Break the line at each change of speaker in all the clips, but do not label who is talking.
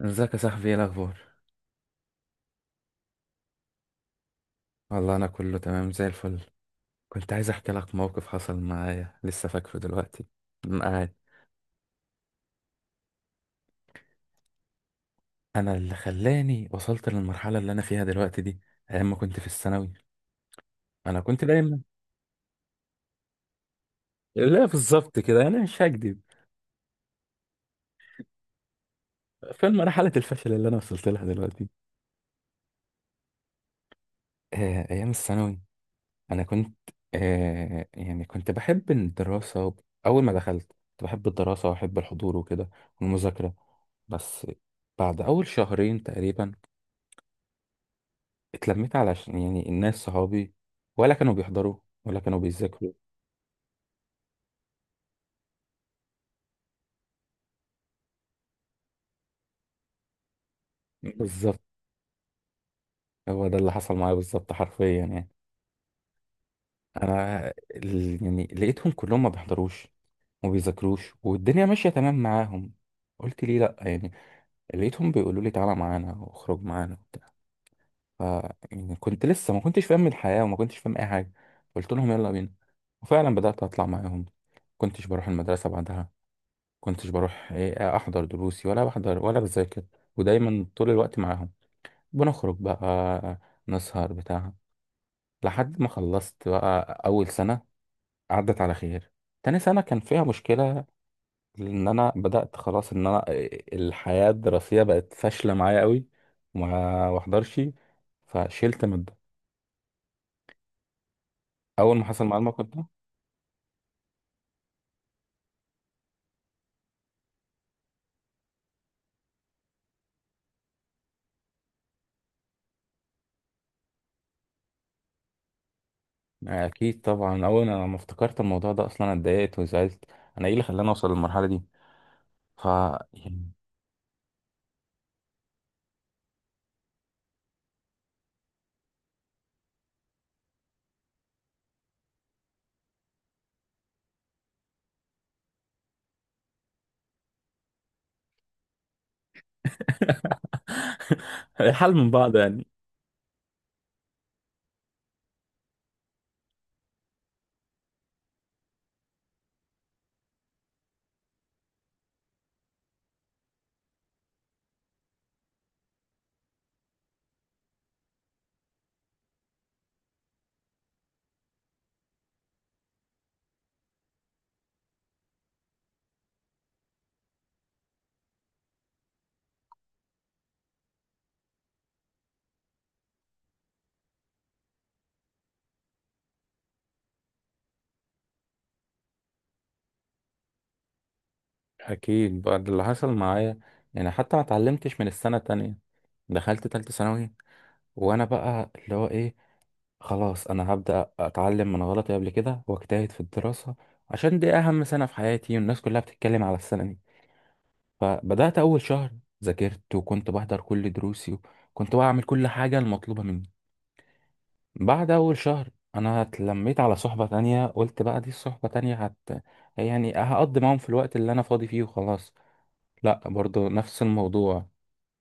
ازيك يا صاحبي؟ ايه الاخبار؟ والله انا كله تمام زي الفل. كنت عايز احكي لك موقف حصل معايا لسه فاكره دلوقتي. معايا انا اللي خلاني وصلت للمرحله اللي انا فيها دلوقتي دي، ايام ما كنت في الثانوي. انا كنت دايما لا بالظبط كده، انا مش هكدب. فين مرحله الفشل اللي انا وصلت لها دلوقتي. آه، ايام الثانوي. انا كنت يعني كنت بحب الدراسه اول ما دخلت كنت بحب الدراسه واحب الحضور وكده، والمذاكره. بس بعد اول شهرين تقريبا اتلميت، علشان يعني الناس صحابي ولا كانوا بيحضروا ولا كانوا بيذاكروا. بالظبط، هو ده اللي حصل معايا بالظبط حرفيا يعني. انا يعني لقيتهم كلهم ما بيحضروش وما بيذاكروش، والدنيا ماشيه تمام معاهم. قلت ليه لا يعني. لقيتهم بيقولوا لي تعالى معانا واخرج معانا وبتاع. ف يعني كنت لسه ما كنتش فاهم الحياه وما كنتش فاهم اي حاجه. قلت لهم يلا بينا، وفعلا بدات اطلع معاهم. كنتش بروح المدرسه بعدها، كنتش بروح ايه، احضر دروسي ولا بحضر ولا بذاكر، ودايما طول الوقت معاهم. بنخرج بقى، نسهر بتاع. لحد ما خلصت بقى اول سنة، عدت على خير. تاني سنة كان فيها مشكلة، لان انا بدأت خلاص ان انا إيه، الحياة الدراسية بقت فاشلة معايا قوي وما واحضرش، فشلت مادة. اول ما حصل معايا الموقف ده، اكيد طبعا اول ما افتكرت الموضوع ده اصلا أنا اتضايقت وزعلت. انا ايه اللي خلاني اوصل للمرحلة دي؟ ف يعني الحال من بعض يعني. اكيد بعد اللي حصل معايا، يعني حتى ما اتعلمتش من السنه التانية. دخلت تالتة ثانوي وانا بقى اللي هو ايه، خلاص انا هبدا اتعلم من غلطي قبل كده واجتهد في الدراسه، عشان دي اهم سنه في حياتي والناس كلها بتتكلم على السنه دي. فبدات اول شهر ذاكرت، وكنت بحضر كل دروسي وكنت بعمل كل حاجه المطلوبه مني. بعد أول شهر أنا اتلميت على صحبة تانية. قلت بقى دي الصحبة تانية هت، يعني هقضي معاهم في الوقت اللي أنا فاضي فيه وخلاص. لأ، برضو نفس الموضوع.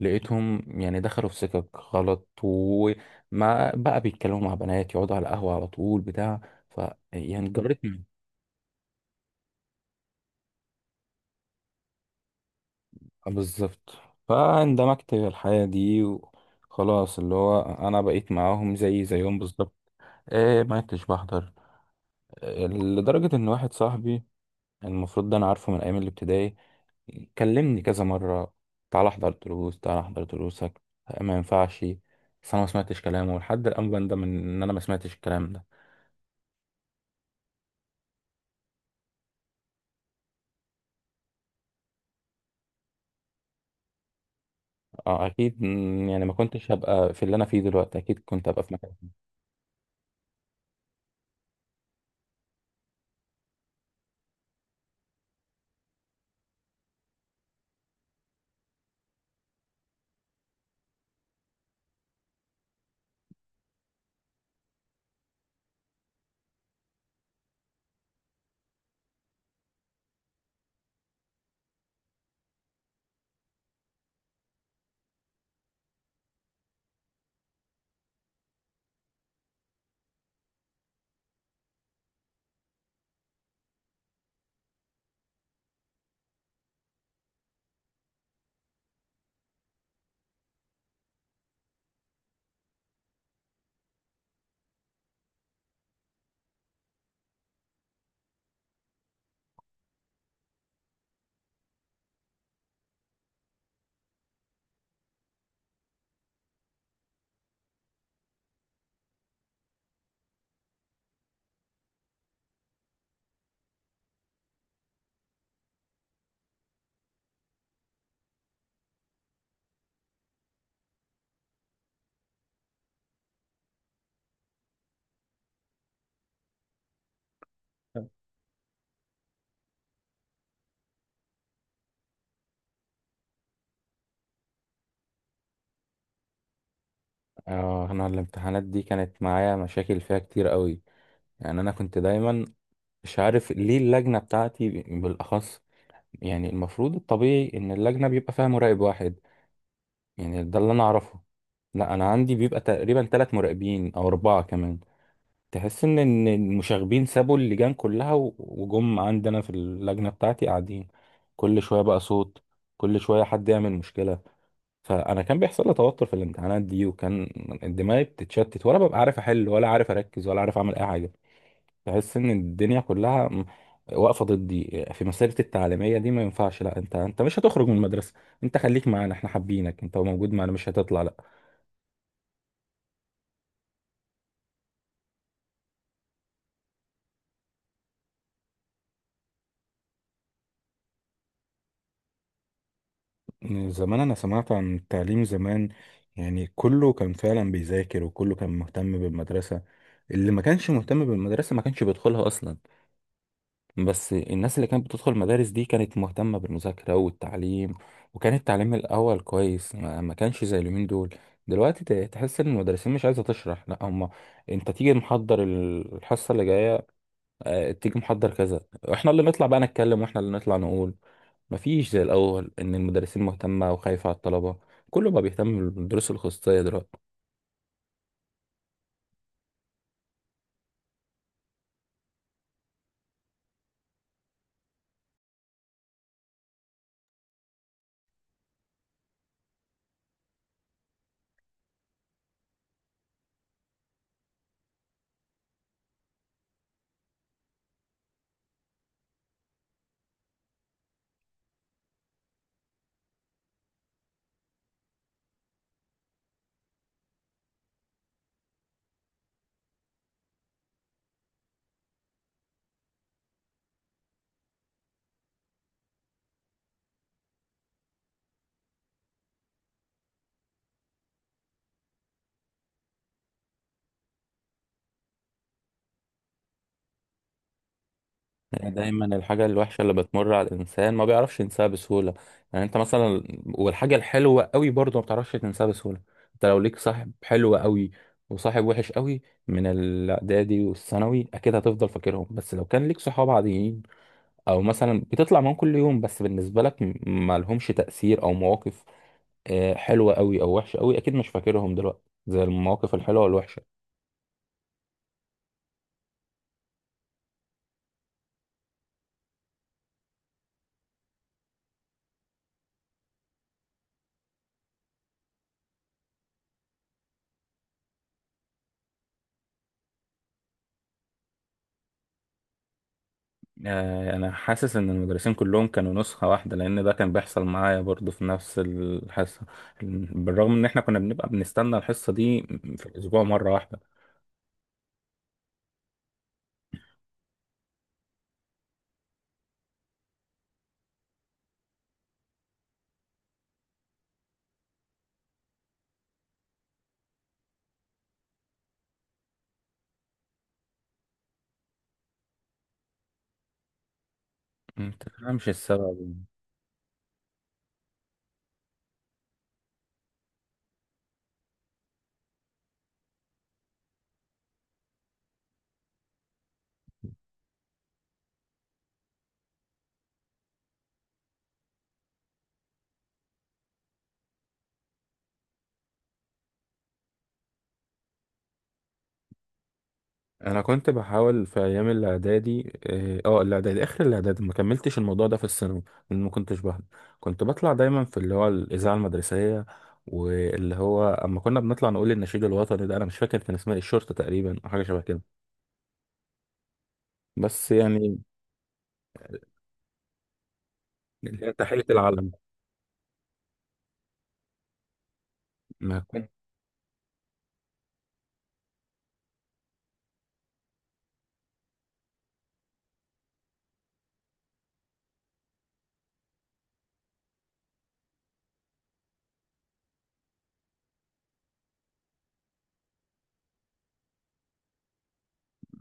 لقيتهم يعني دخلوا في سكك غلط، وما بقى بيتكلموا مع بنات، يقعدوا على القهوة على طول بتاع. ف يعني جريت مني. بالظبط، فاندمجت في الحياة دي وخلاص، اللي هو أنا بقيت معاهم زي زيهم بالظبط. إيه، ما كنتش بحضر. آه، لدرجة إن واحد صاحبي، يعني المفروض ده انا عارفه من ايام الابتدائي، كلمني كذا مره: تعال احضر دروس، تعال احضر دروسك، ما ينفعش. بس انا ما سمعتش كلامه، لحد الان بندم ان انا ما سمعتش الكلام ده. اه اكيد يعني ما كنتش هبقى في اللي انا فيه دلوقتي، اكيد كنت هبقى في مكان تاني. اه، انا الامتحانات دي كانت معايا مشاكل فيها كتير قوي. يعني انا كنت دايما مش عارف ليه اللجنه بتاعتي بالاخص. يعني المفروض الطبيعي ان اللجنه بيبقى فيها مراقب واحد، يعني ده اللي انا اعرفه. لا، انا عندي بيبقى تقريبا ثلاث مراقبين او اربعه كمان. تحس إن المشاغبين سابوا اللجان كلها وجم عندنا في اللجنه بتاعتي قاعدين. كل شويه بقى صوت، كل شويه حد يعمل مشكله. فانا كان بيحصل لي توتر في الامتحانات دي، وكان دماغي بتتشتت ولا ببقى عارف احل ولا عارف اركز ولا عارف اعمل اي حاجه. تحس ان الدنيا كلها واقفه ضدي في مسيرتي التعليميه دي. ما ينفعش، لا انت مش هتخرج من المدرسه، انت خليك معانا، احنا حابينك، انت موجود معانا، مش هتطلع. زمان أنا سمعت عن التعليم زمان، يعني كله كان فعلا بيذاكر وكله كان مهتم بالمدرسة. اللي ما كانش مهتم بالمدرسة ما كانش بيدخلها أصلا، بس الناس اللي كانت بتدخل المدارس دي كانت مهتمة بالمذاكرة والتعليم. وكان التعليم الأول كويس، ما كانش زي اليومين دول. دلوقتي تحس إن المدرسين مش عايزة تشرح، لا هما أنت تيجي محضر الحصة اللي جاية، آه، تيجي محضر كذا، احنا اللي نطلع بقى نتكلم واحنا اللي نطلع نقول. مفيش زي الاول ان المدرسين مهتمه وخايفه على الطلبه، كله بقى بيهتم بالدروس الخصوصيه دلوقتي. يعني دايما الحاجه الوحشه اللي بتمر على الانسان ما بيعرفش ينساها بسهوله، يعني انت مثلا، والحاجه الحلوه قوي برضه ما بتعرفش تنساها بسهوله. انت لو ليك صاحب حلو قوي وصاحب وحش قوي من الاعدادي والثانوي، اكيد هتفضل فاكرهم. بس لو كان ليك صحاب عاديين او مثلا بتطلع معاهم كل يوم، بس بالنسبه لك ما لهمش تاثير او مواقف آه، حلوة قوي او وحشة قوي، اكيد مش فاكرهم دلوقتي زي المواقف الحلوة والوحشة. آه، انا حاسس ان المدرسين كلهم كانوا نسخة واحدة، لان ده كان بيحصل معايا برضو في نفس الحصة، بالرغم ان احنا كنا بنبقى بنستنى الحصة دي في الاسبوع مرة واحدة. ما تفهمش السبب. انا كنت بحاول في ايام الاعدادي، الاعدادي اخر الاعدادي، ما كملتش الموضوع ده في الثانوي لان ما كنتش بحضر. كنت بطلع دايما في اللي هو الاذاعه المدرسيه، واللي هو اما كنا بنطلع نقول النشيد الوطني ده، انا مش فاكر كان اسمها إيه، الشرطه تقريبا او حاجه شبه كده. بس يعني اللي هي تحيه العلم. ما كنت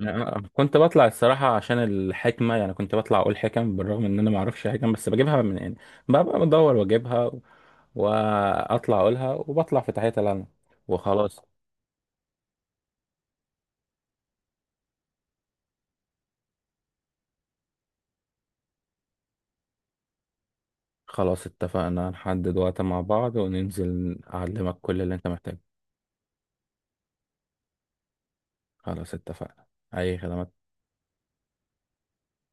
أنا كنت بطلع الصراحه عشان الحكمه، يعني كنت بطلع اقول حكم بالرغم ان انا ما اعرفش حكم، بس بجيبها من يعني، ببقى بدور واجيبها واطلع اقولها، وبطلع في تحيه العلم وخلاص. خلاص اتفقنا، نحدد وقت مع بعض وننزل أعلمك كل اللي أنت محتاجه. خلاص اتفقنا. أي خدمات.